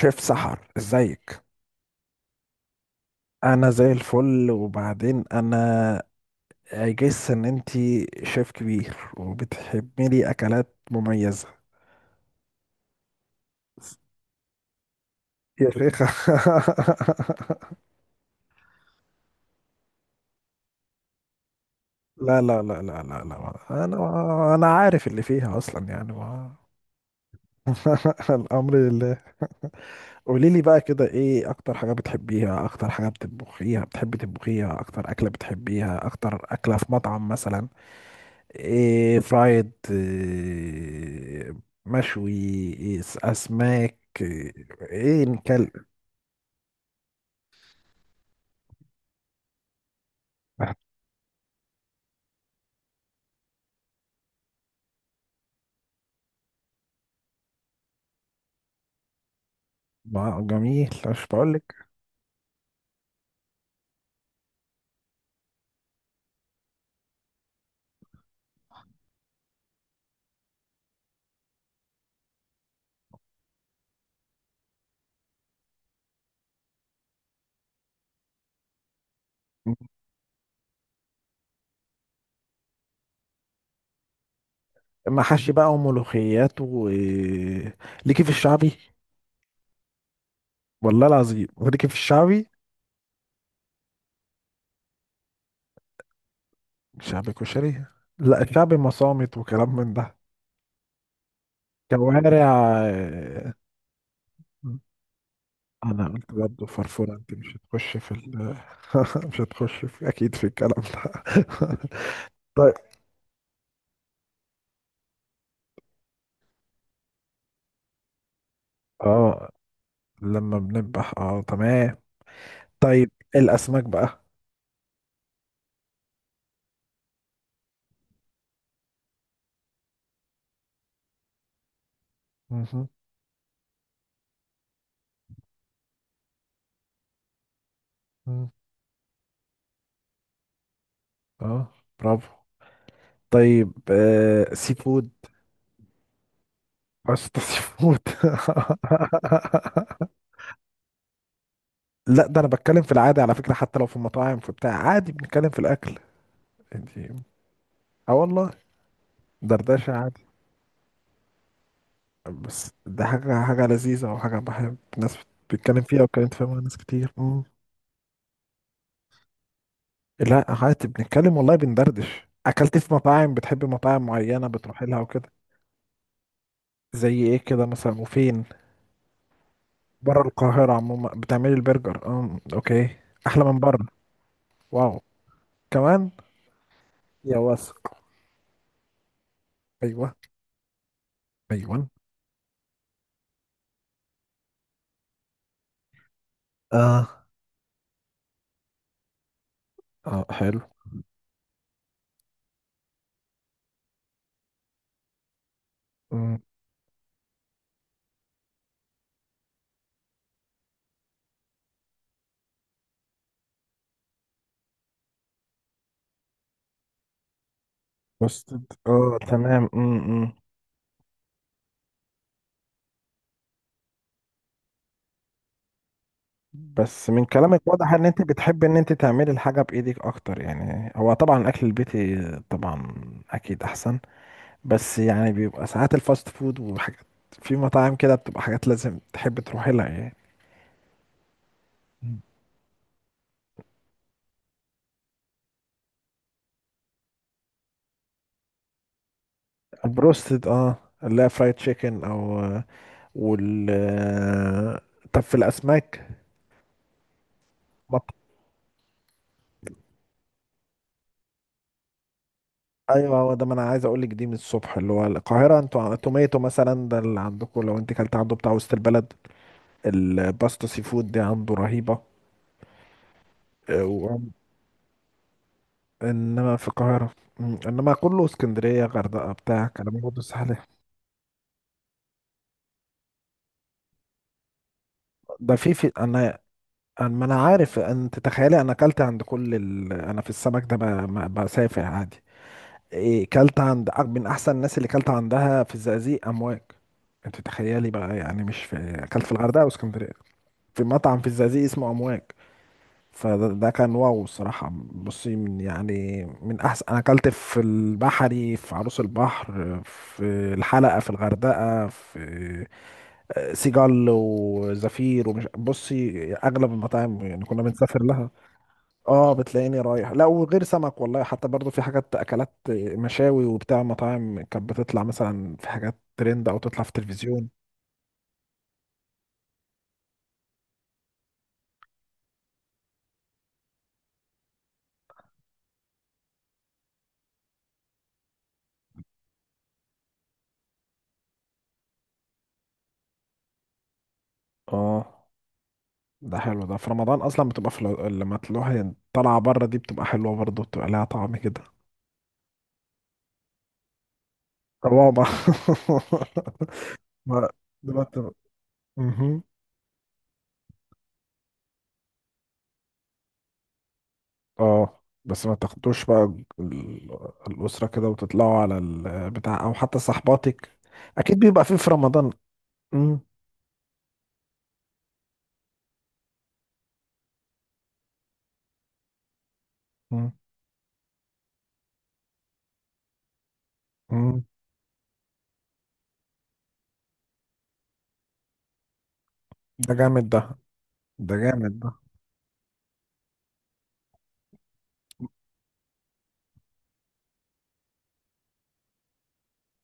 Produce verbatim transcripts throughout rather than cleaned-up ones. شيف سحر، ازيك؟ انا زي الفل. وبعدين انا اجس ان انتي شيف كبير وبتحبي لي اكلات مميزة، يا شيخة. لا لا لا لا لا لا، انا انا عارف اللي فيها اصلا يعني ما... الامر لله. قولي لي بقى كده، ايه اكتر حاجة بتحبيها؟ اكتر حاجة بتطبخيها، بتحبي تطبخيها، اكتر اكلة بتحبيها، اكتر اكلة في مطعم مثلا؟ إيه، فرايد؟ إيه مشوي؟ إيه س- أسماك؟ إيه إيه نكل؟ ما- جميل، مش بقولك؟ محاشي بقى وملوخيات و إيه، ليكي في الشعبي؟ والله العظيم، وليكي في الشعبي؟ شعبي كشري؟ لا، الشعبي مصامت وكلام من ده. كوارع إيه، انا قلت برضه فرفورة انت، مش هتخش في ال... مش هتخش في اكيد في الكلام ده. طيب، اه، لما بنذبح. اه تمام. طيب، الاسماك بقى. مهم. مم. اه، برافو. طيب آه، سي فود؟ قشطة، سي فود. لا، ده انا بتكلم في العادي على فكرة، حتى لو في المطاعم في بتاع عادي بنتكلم في الاكل. انتي؟ اه والله، دردشة عادي. بس ده حاجة، حاجة لذيذة وحاجة بحب ناس بتتكلم فيها، واتكلمت فيها مع ناس كتير. مم. لا عادي، بنتكلم والله، بندردش. اكلت في مطاعم؟ بتحب مطاعم معينة بتروح لها وكده؟ زي ايه كده مثلا، وفين؟ بره القاهرة عموما؟ بتعملي البرجر؟ اه اوكي، احلى من بره! واو، كمان. يا واثق. ايوه. ايوه. اه، اه، حلو. امم. بس اه، تمام. امم، بس من كلامك واضح ان انت بتحب ان انت تعملي الحاجة بايدك اكتر، يعني هو طبعا الاكل البيتي طبعا اكيد احسن. بس يعني بيبقى ساعات الفاست فود وحاجات، في مطاعم كده بتبقى حاجات لازم تحب تروحي لها يعني. بروستد؟ اه، لا، فرايد تشيكن او آه، وال آه، طب في الاسماك؟ مط... ايوه، هو ده ما انا عايز اقول لك، دي من الصبح. اللي هو القاهره، انتوا ع- توميتو مثلا، ده اللي عندكم، لو انت كلت عنده، بتاع وسط البلد، الباستا سي فود دي عنده رهيبه، آه، و... انما في القاهره. مم، انما كله اسكندريه، غردقه بتاع كلام برضه سهل. ده في في انا، انا ما انا عارف، انت تخيلي انا اكلت عند كل ال... انا في السمك ده ب... ب- بسافر عادي. إيه، كلت عند أح- من احسن الناس اللي كلت عندها في الزقازيق، امواج. انت تخيلي بقى، يعني مش في اكلت في الغردقه واسكندريه، في مطعم في الزقازيق اسمه امواج. فده ده كان واو، الصراحه. بصي، من يعني من احسن، انا اكلت في البحري في عروس البحر، في الحلقه في الغردقه، في سيجال وزفير ومش بصي اغلب المطاعم يعني كنا بنسافر لها. اه، بتلاقيني رايح. لا وغير سمك، والله حتى برضو في حاجات اكلات، مشاوي وبتاع، مطاعم كانت بتطلع مثلا في حاجات ترند، او تطلع في التلفزيون. اه، ده حلو. ده في رمضان اصلا بتبقى في لو- لما تروح طالعه بره، دي بتبقى حلوه برضو، بتبقى لها طعم كده. طبعا. ما ده، ما بت- مهم. اه، بس ما تاخدوش بقى ال- الاسره كده وتطلعوا على البتاع، او حتى صحباتك. اكيد بيبقى فيه في رمضان. مم. مم. مم. ده جامد ده، ده جامد ده.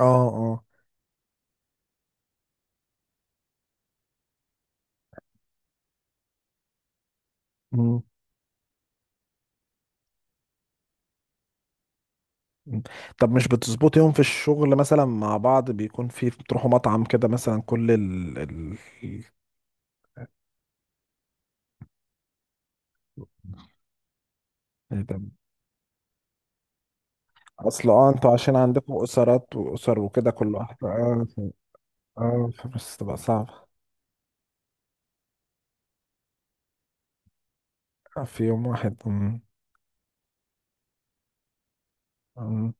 اه اه. مم. مم. طب مش بتظبط يوم في الشغل مثلا مع بعض، بيكون في بتروحوا مطعم كده مثلا كل ال ال... إيه ده؟ اصل اه انتوا عشان عندكم اسرات واسر وكده، كل واحد، اه ف-، اه ف-، بس تبقى صعبة في يوم واحد. مم. مم.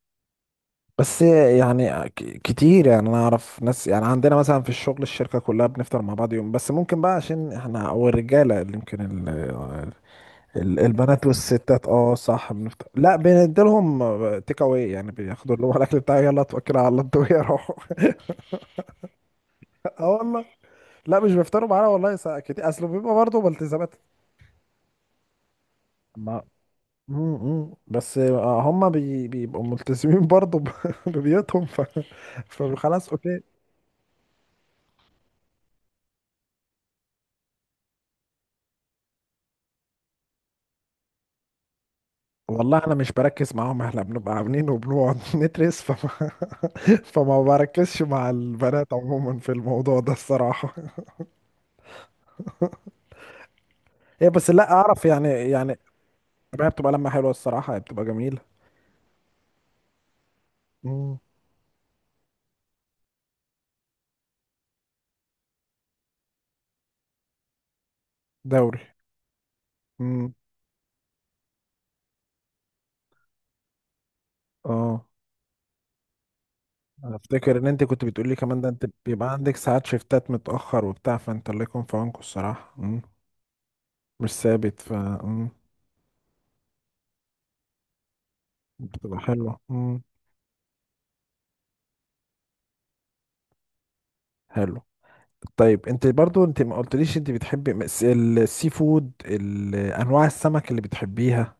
بس يعني ك- كتير يعني، انا اعرف ناس يعني، عندنا مثلا في الشغل الشركة كلها بنفطر مع بعض يوم، بس ممكن بقى عشان احنا او الرجالة اللي يمكن ال- البنات والستات، اه صح، بنفت... لا بنديلهم تيك اواي يعني، بياخدوا اللي هو الاكل بتاعي، يلا اتوكل على الله انتوا يروحوا. اه والله، لا مش بيفطروا معانا والله، ساعة كتير اصل بيبقى برضه بالتزامات. ما امم، بس آه، هم بي... بيبقوا ملتزمين برضه ب... ببيوتهم، ف... فخلاص اوكي. والله انا مش بركز معاهم، احنا بنبقى عاملين وبنقعد ندرس، فما, فما بركزش مع البنات عموما في الموضوع ده الصراحة. هي بس لا اعرف يعني يعني. ما هي بتبقى لما حلوه الصراحه، هي بتبقى جميله. مم. دوري. مم. اه، أنا افتكر ان انت كنت بتقولي كمان ده، انت بيبقى عندك ساعات شيفتات متاخر وبتاع، فانت الله يكون في عونكم الصراحه. مم. مش ثابت ف... مم. بتبقى حلوه. مم. حلو. طيب انت برضو انت ما قلتليش انت بتحبي مس- السي فود، ال- انواع السمك اللي بتحبيها.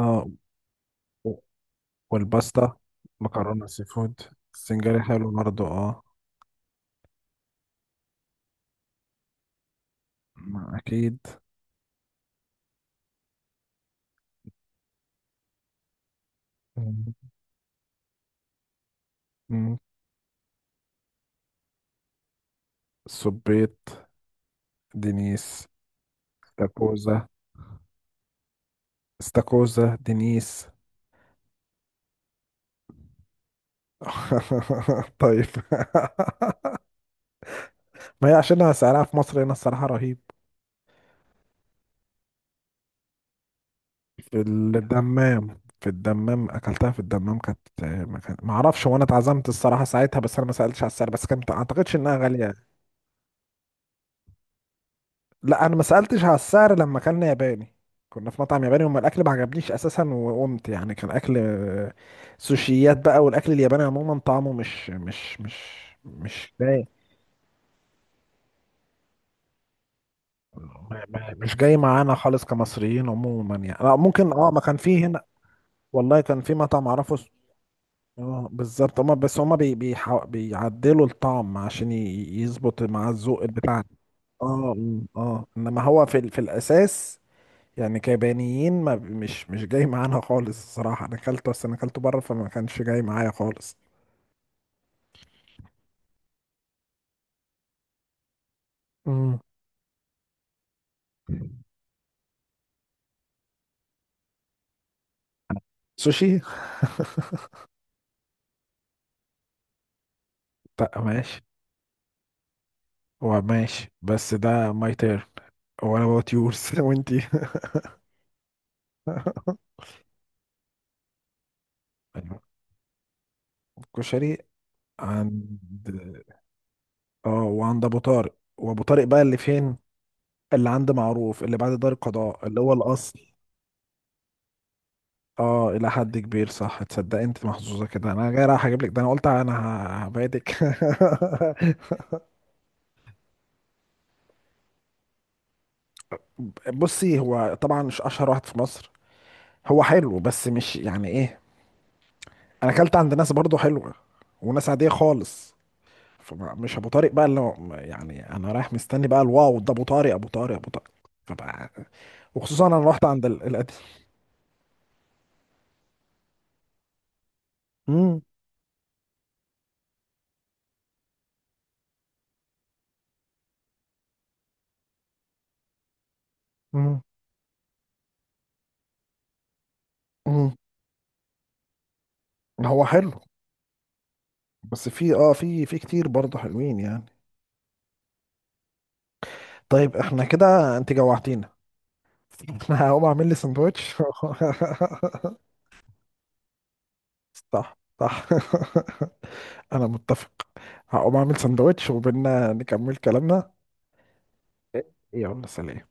اه. و- والباستا، مكرونه سي فود. السنجاري حلو برضو، اه. ما اكيد. مم. مم. السبيط، دينيس، استاكوزا. استاكوزا، دينيس. طيب. ما هي عشان سعرها في مصر هنا الصراحة رهيب. في الدمام، في الدمام اكلتها، في الدمام كانت، ما كانت- ما اعرفش، وانا اتعزمت الصراحة ساعتها، بس انا ما سألتش على السعر، بس كانت ما اعتقدش انها غالية. لا انا ما سألتش على السعر لما اكلنا ياباني. كنا في مطعم ياباني، وما الاكل ما عجبنيش اساسا، وقمت يعني كان اكل آه، سوشيات بقى، والاكل الياباني عموما طعمه مش مش مش مش لايق. م- م- مش جاي معانا خالص كمصريين عموما يعني، لا ممكن اه، ما كان فيه هنا. والله كان في مطعم اعرفه اس-. اه بالظبط، هما بس هما بي بيح- بيعدلوا الطعم عشان ي- يظبط مع الذوق بتاعنا. اه م، اه انما هو في ال- في الاساس يعني كيابانيين، ما بي- مش مش جاي معانا خالص الصراحه، انا اكلته، بس انا اكلته بره فما كانش جاي معايا خالص. مم. سوشي. لا ماشي. هو ماشي، بس ده ماي تير ولا وات يورز؟ وانتي. كشري؟ عند، اه، وعند ابو طارق. وابو طارق بقى اللي فين؟ اللي عند معروف اللي بعد دار القضاء، اللي هو الاصل. اه، الى حد كبير، صح. تصدق انت محظوظه كده، انا جاي رايح اجيب لك ده، انا قلت انا ه- هبعدك. بصي هو طبعا مش اشهر واحد في مصر، هو حلو بس مش يعني ايه، انا اكلت عند ناس برضو حلوه وناس عاديه خالص. فمش ابو طارق بقى اللي هو، يعني انا رايح مستني بقى الواو ده، ابو طارق ابو طارق ابو طارق، فبقى. وخصوصا انا رحت عند القديم. امم. امم. امم. هو حلو. بس في اه، في في كتير برضه حلوين يعني. طيب احنا كده انت جوعتينا. انا هقوم اعمل لي سندوتش. صح صح. انا متفق. هقوم اعمل سندوتش، وبينا نكمل كلامنا. يلا سلام.